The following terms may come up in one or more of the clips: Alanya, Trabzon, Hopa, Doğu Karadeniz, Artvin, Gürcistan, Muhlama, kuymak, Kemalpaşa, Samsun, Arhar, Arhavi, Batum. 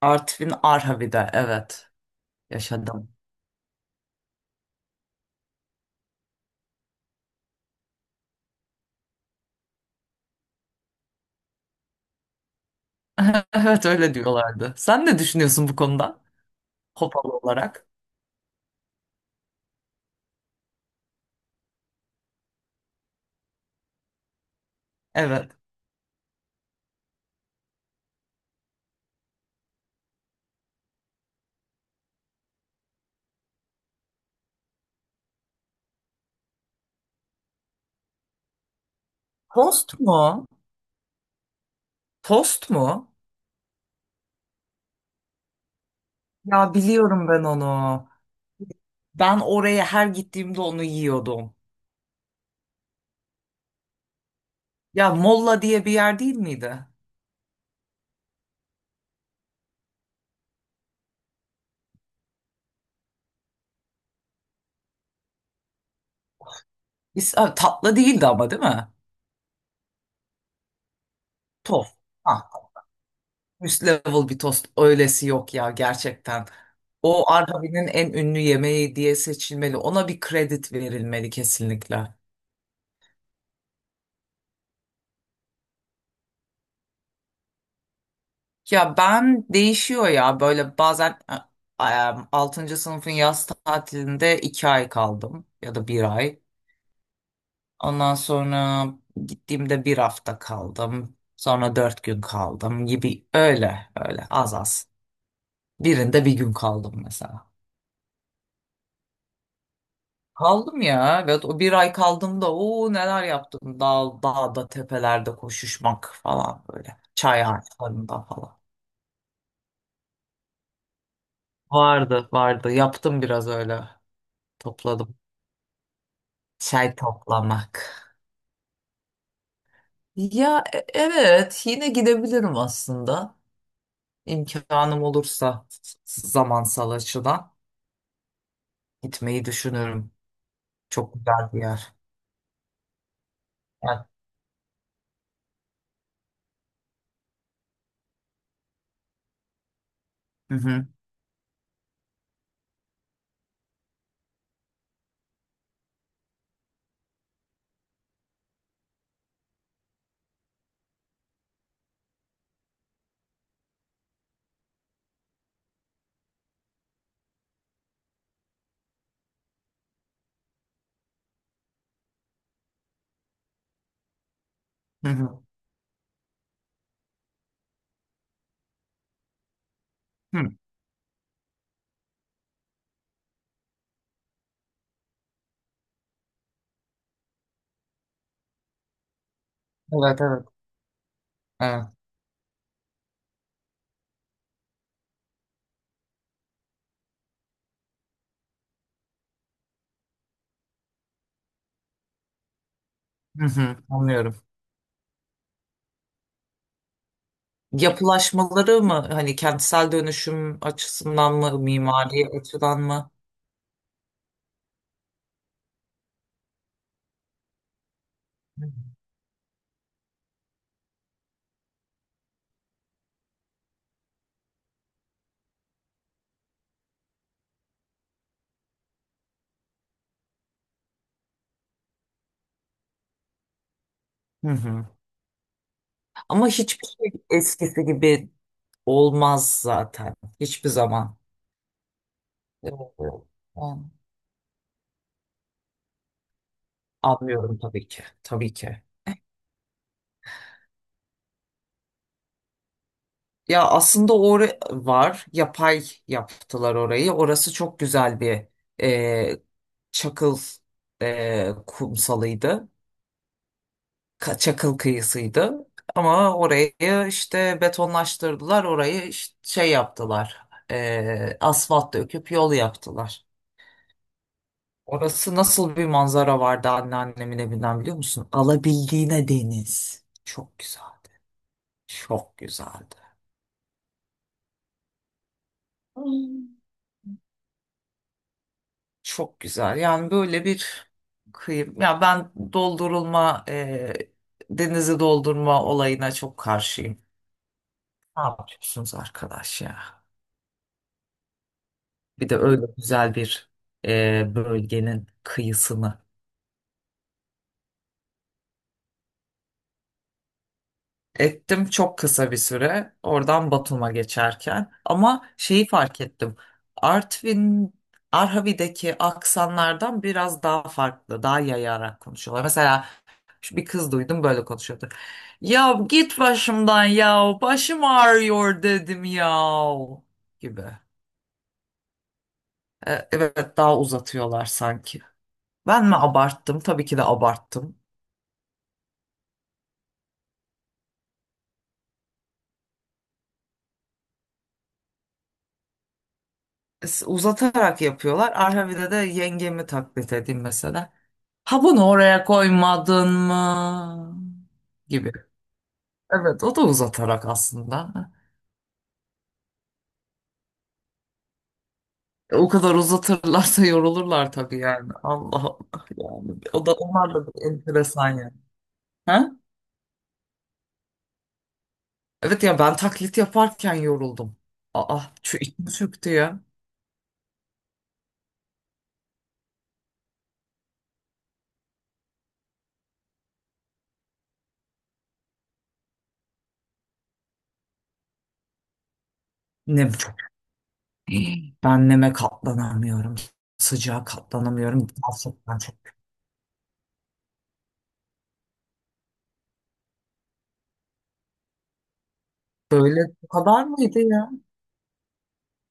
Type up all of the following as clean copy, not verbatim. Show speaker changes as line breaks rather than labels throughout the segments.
Artvin Arhavi'de evet yaşadım. Evet öyle diyorlardı. Sen ne düşünüyorsun bu konuda? Hopalı olarak. Evet. Tost mu? Tost mu? Ya biliyorum ben onu. Ben oraya her gittiğimde onu yiyordum. Ya Molla diye bir yer değil miydi? Tatlı değildi ama değil mi? Tost. Ha, üst level bir tost. Öylesi yok ya gerçekten. O Arhavi'nin en ünlü yemeği diye seçilmeli. Ona bir kredi verilmeli kesinlikle. Ya ben değişiyor ya böyle bazen e, e, sınıfın yaz tatilinde 2 ay kaldım ya da bir ay. Ondan sonra gittiğimde bir hafta kaldım. Sonra 4 gün kaldım gibi öyle öyle az az. Birinde bir gün kaldım mesela. Kaldım ya ve o bir ay kaldığımda o neler yaptım. Dağda tepelerde koşuşmak falan böyle. Çay ağaçlarında falan. Vardı vardı yaptım biraz öyle topladım. Çay toplamak. Ya evet yine gidebilirim aslında. İmkanım olursa zamansal açıdan gitmeyi düşünüyorum. Çok güzel bir yer. Evet. Hı hı, hı hı, hı. Evet, evet. Evet. Hı hı, anlıyorum. Yapılaşmaları mı hani kentsel dönüşüm açısından mı mimari açıdan mı? Hı hı. Ama hiçbir şey eskisi gibi olmaz zaten. Hiçbir zaman. Evet. Anlıyorum tabii ki. Tabii ki. Ya aslında var. Yapay yaptılar orayı. Orası çok güzel bir e, çakıl kumsalıydı. Çakıl kıyısıydı. Ama orayı işte betonlaştırdılar. Orayı işte şey yaptılar. Asfalt döküp yol yaptılar. Orası nasıl bir manzara vardı anneannemin evinden biliyor musun? Alabildiğine deniz. Çok güzel. Çok güzeldi. Çok güzel. Yani böyle bir kıyım. Ya ben denizi doldurma olayına çok karşıyım. Ne yapıyorsunuz arkadaş ya? Bir de öyle güzel bir bölgenin kıyısını. Ettim çok kısa bir süre oradan Batum'a geçerken. Ama şeyi fark ettim. Artvin, Arhavi'deki aksanlardan biraz daha farklı, daha yayarak konuşuyorlar. Mesela şu bir kız duydum böyle konuşuyordu. Ya git başımdan ya başım ağrıyor dedim ya gibi. Evet daha uzatıyorlar sanki. Ben mi abarttım? Tabii ki de abarttım. Uzatarak yapıyorlar. Arhavide de yengemi taklit edeyim mesela. Ha bunu oraya koymadın mı? Gibi. Evet o da uzatarak aslında. O kadar uzatırlarsa yorulurlar tabii yani. Allah Allah yani. O da onlar da bir enteresan yani. Ha? Evet ya ben taklit yaparken yoruldum. Aa şu içim çöktü ya. Nem çok. Ben neme katlanamıyorum. Sıcağa katlanamıyorum. Gerçekten çok. Böyle bu kadar mıydı ya?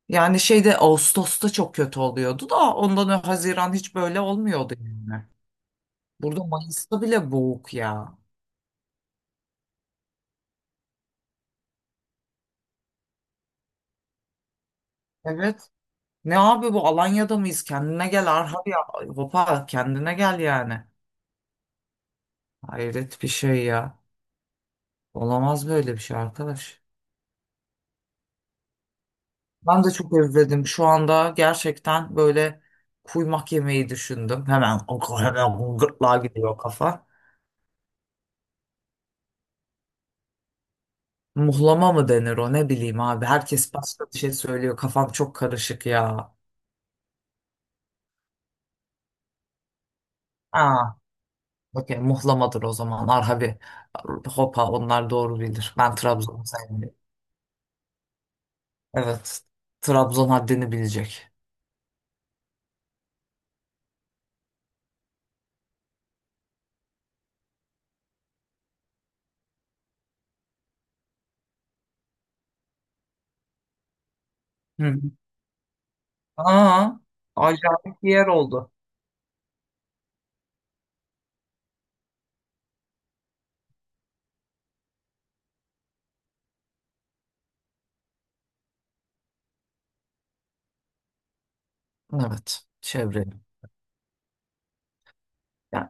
Yani şeyde Ağustos'ta çok kötü oluyordu da ondan önce Haziran hiç böyle olmuyordu yani. Burada Mayıs'ta bile boğuk ya. Evet. Ne abi bu Alanya'da mıyız? Kendine gel Arhar ya. Hopa kendine gel yani. Hayret bir şey ya. Olamaz böyle bir şey arkadaş. Ben de çok özledim. Şu anda gerçekten böyle kuymak yemeği düşündüm. Hemen o hemen gırtlağa gidiyor kafa. Muhlama mı denir o ne bileyim abi. Herkes başka bir şey söylüyor. Kafam çok karışık ya. Aa, okey muhlamadır o zaman. Arhavi. Hopa onlar doğru bilir. Ben Trabzon'u sevmiyorum. Evet. Trabzon haddini bilecek. Hı. Aa, acayip bir yer oldu. Evet. Çevrenin. Yani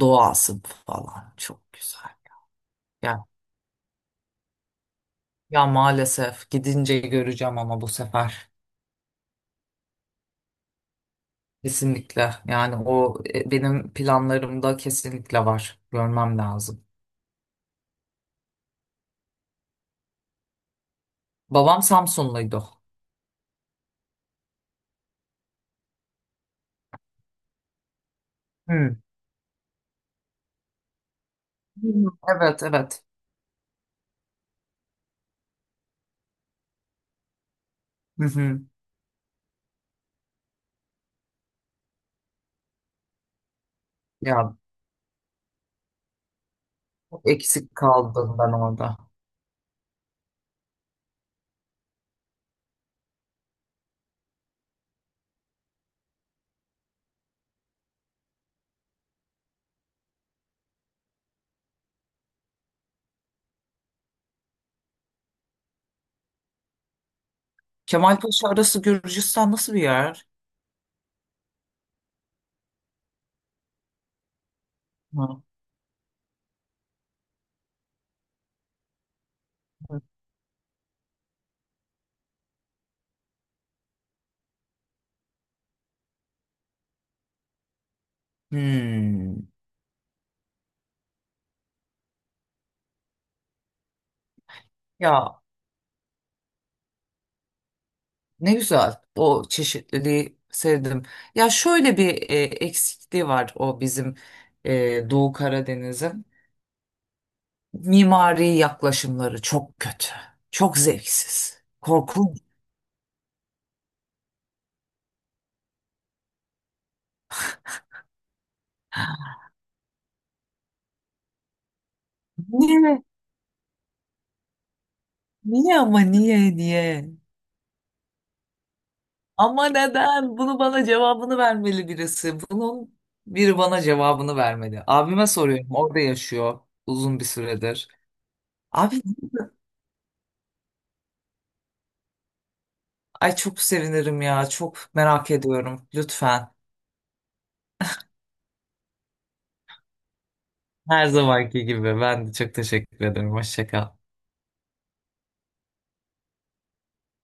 doğası falan çok güzel. Ya maalesef gidince göreceğim ama bu sefer. Kesinlikle. Yani o benim planlarımda kesinlikle var. Görmem lazım. Babam Samsunluydu. Hı. Hı. Evet, evet. Hı hı. Ya çok eksik kaldım ben orada. Kemalpaşa arası Gürcistan nasıl bir yer? Hı. Hı. Hmm. Ya ne güzel. O çeşitliliği sevdim. Ya şöyle bir eksikliği var o bizim Doğu Karadeniz'in. Mimari yaklaşımları çok kötü. Çok zevksiz. Korkunç. Niye? Niye ama niye niye? Ama neden? Bunu bana cevabını vermeli birisi. Bunun biri bana cevabını vermeli. Abime soruyorum. Orada yaşıyor uzun bir süredir. Abi ay çok sevinirim ya. Çok merak ediyorum. Lütfen. Her zamanki gibi. Ben de çok teşekkür ederim. Hoşça kal.